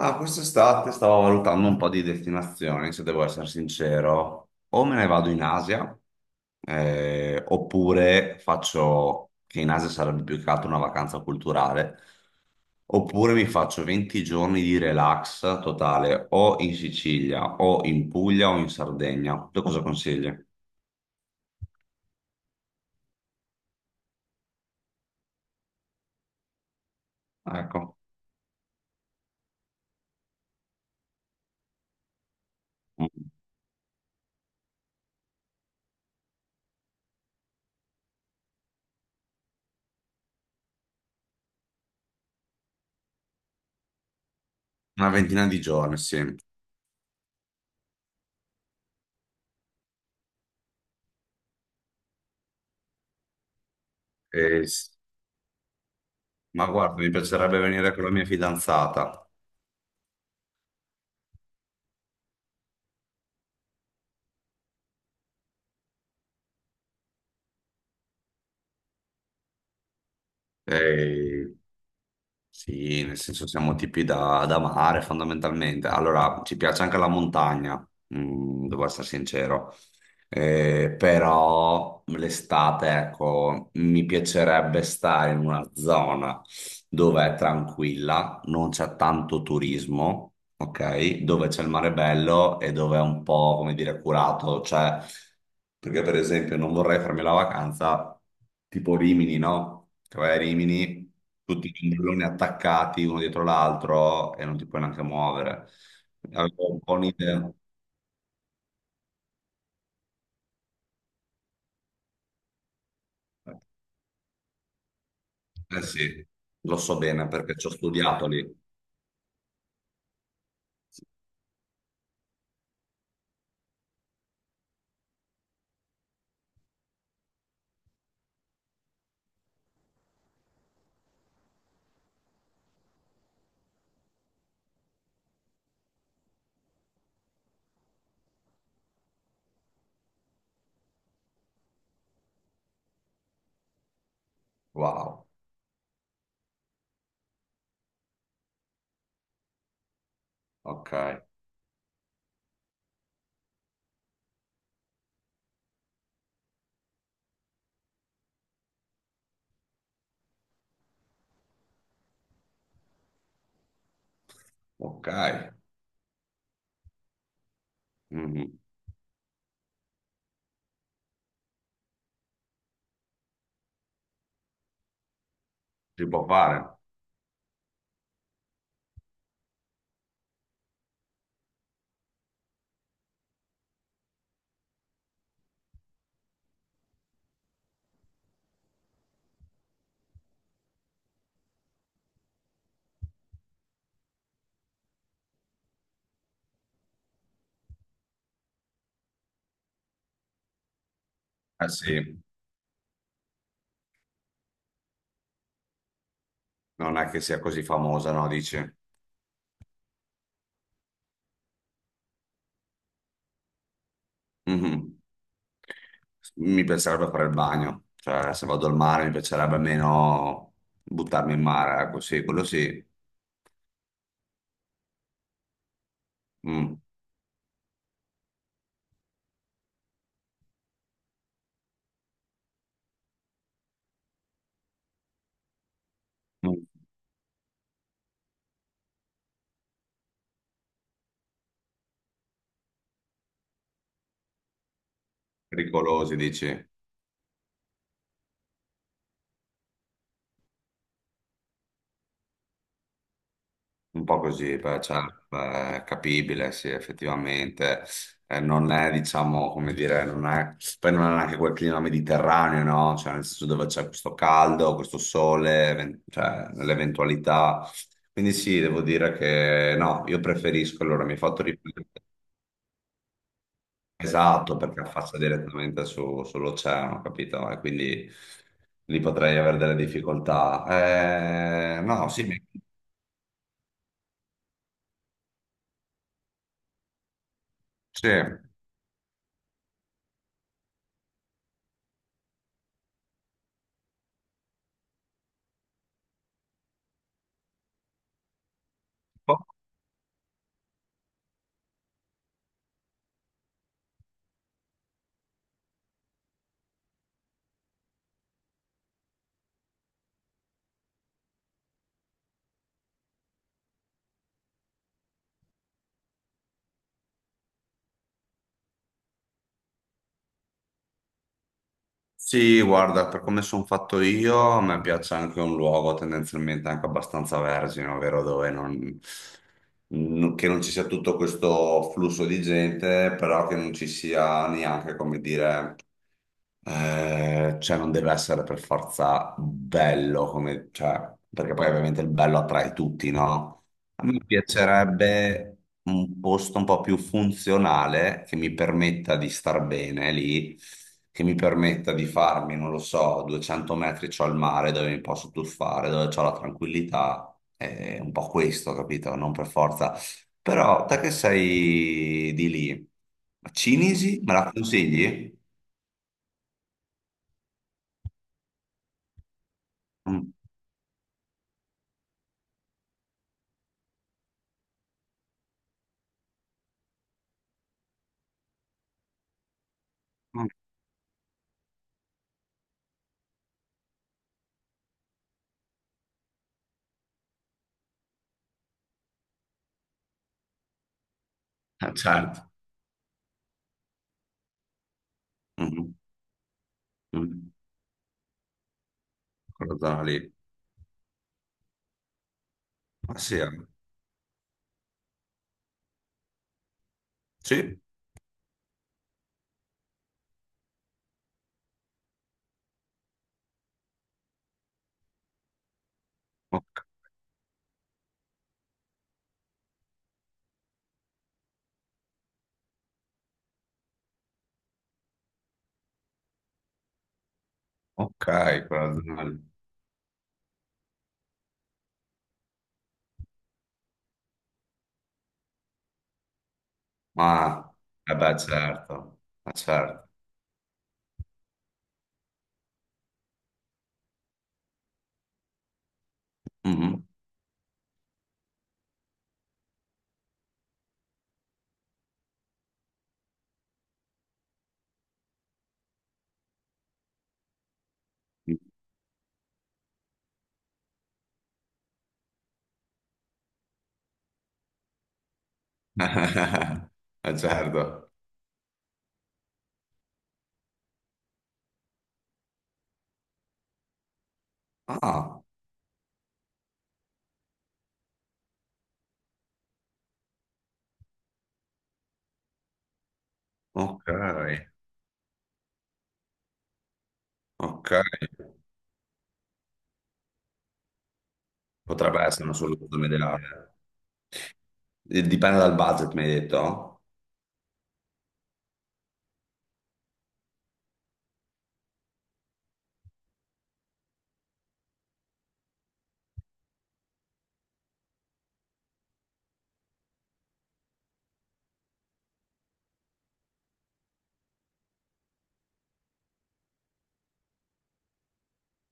Ah, quest'estate stavo valutando un po' di destinazioni, se devo essere sincero. O me ne vado in Asia, oppure faccio, che in Asia sarebbe più che altro una vacanza culturale, oppure mi faccio 20 giorni di relax totale o in Sicilia, o in Puglia, o in Sardegna. Tu cosa consigli? Ecco, una ventina di giorni, sì. Eh, s- ma guarda, mi piacerebbe venire con la mia fidanzata. ehm, Sì, nel senso siamo tipi da mare fondamentalmente. Allora, ci piace anche la montagna, mm, devo essere sincero. Però l'estate, ecco, mi piacerebbe stare in una zona dove è tranquilla, non c'è tanto turismo, ok? Dove c'è il mare bello e dove è un po', come dire, curato, cioè, perché per esempio non vorrei farmi la vacanza tipo Rimini, no? Che vai a Rimini, tutti i ombrelloni attaccati uno dietro l'altro e non ti puoi neanche muovere. Avevo un po' un'idea. Eh sì, lo so bene perché ci ho studiato lì. Wow, ok, ok. Mhm. Si può fare. Eh sì, non è che sia così famosa, no? Dici. Mhm. Mi piacerebbe fare il bagno, cioè se vado al mare mi piacerebbe meno buttarmi in mare, ecco sì, quello sì. Mm. Mm. Pericolosi, dici? Un po' così, beh, cioè, beh, è capibile, sì, effettivamente. Non è, diciamo, come dire, non è. Poi non è neanche quel clima mediterraneo, no? Cioè, nel senso dove c'è questo caldo, questo sole, cioè, nell'eventualità. Quindi sì, devo dire che no, io preferisco, allora mi hai fatto riflettere. Esatto, perché affaccia direttamente sull'oceano, capito? E quindi lì potrei avere delle difficoltà. No, sì, mi- Sì. Sì, guarda, per come sono fatto io, a me piace anche un luogo tendenzialmente anche abbastanza vergine, ovvero dove non, che non ci sia tutto questo flusso di gente, però che non ci sia neanche, come dire, cioè non deve essere per forza bello, come, cioè, perché poi ovviamente il bello attrae tutti, no? A me piacerebbe un posto un po' più funzionale che mi permetta di star bene lì, che mi permetta di farmi, non lo so, 200 metri c'ho il mare dove mi posso tuffare, dove c'ho la tranquillità, è un po' questo, capito? Non per forza. Però te che sei di lì, Cinisi, me la consigli? Mm. Mm. Ah, certo. Mhm. Mm. Quella zona lì. Ah, sì, eh. Sì. Ok. Ok, quella zona lì. Ah, eh beh, certo, certo. Mhm. Certo. Ah, ok, ok. Potrebbe essere una soluzione ideale. Dipende dal budget, mi hai detto?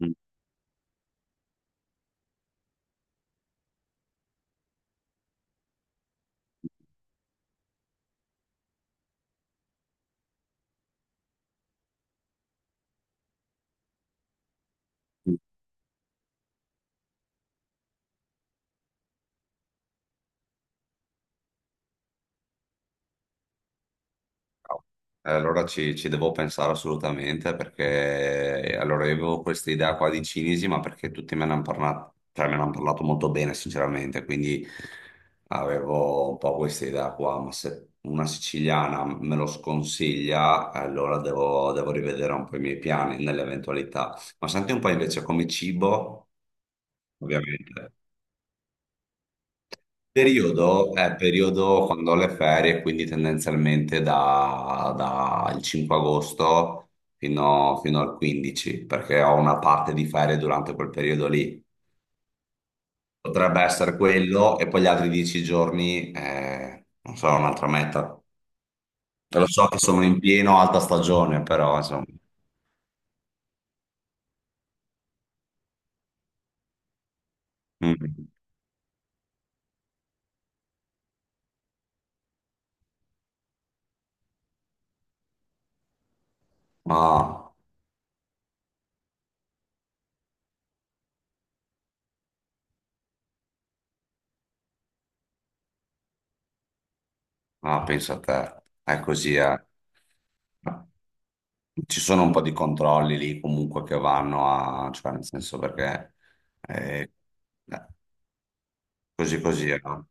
Mm. Allora ci devo pensare assolutamente perché allora io avevo questa idea qua di cinesi, ma perché tutti me ne hanno parlato, cioè me ne hanno parlato molto bene, sinceramente, quindi avevo un po' questa idea qua, ma se una siciliana me lo sconsiglia, allora devo rivedere un po' i miei piani nell'eventualità. Ma senti un po' invece come cibo, ovviamente. Periodo è periodo quando ho le ferie, quindi tendenzialmente dal 5 agosto fino al 15, perché ho una parte di ferie durante quel periodo lì. Potrebbe essere quello e poi gli altri 10 giorni, non so, un'altra meta. Lo so che sono in pieno alta stagione, però insomma. Mm. Ah, ah, pensa a te, è così, eh. Ci sono un po' di controlli lì comunque che vanno a, cioè nel senso perché eh, eh, così così, no?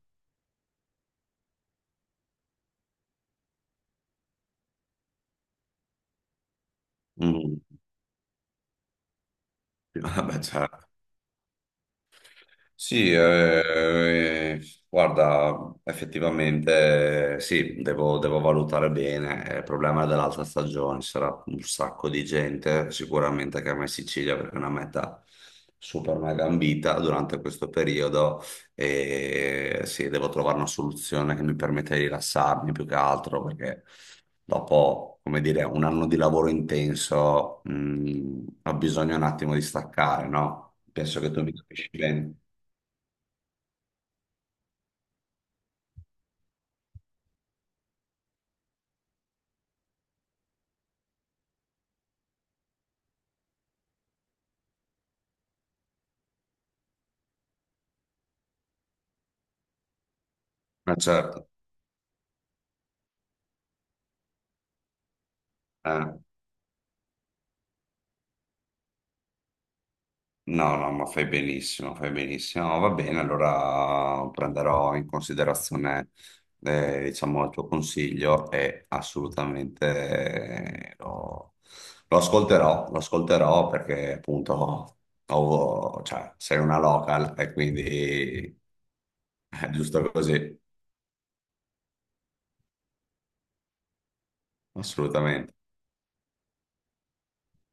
Mm. Vabbè, certo. Sì, eh, guarda, effettivamente sì, devo valutare bene. Eh, il problema è dell'alta stagione, ci sarà un sacco di gente, sicuramente che a in Sicilia perché è una meta super mega ambita durante questo periodo e sì, devo trovare una soluzione che mi permetta di rilassarmi più che altro perché dopo, come dire, un anno di lavoro intenso, ho bisogno un attimo di staccare, no? Penso che tu mi capisci bene. Ma certo, eh, no, no, ma fai benissimo, fai benissimo. No, va bene, allora prenderò in considerazione, diciamo, il tuo consiglio e assolutamente lo, lo ascolterò perché appunto cioè, sei una local e quindi è giusto così, assolutamente.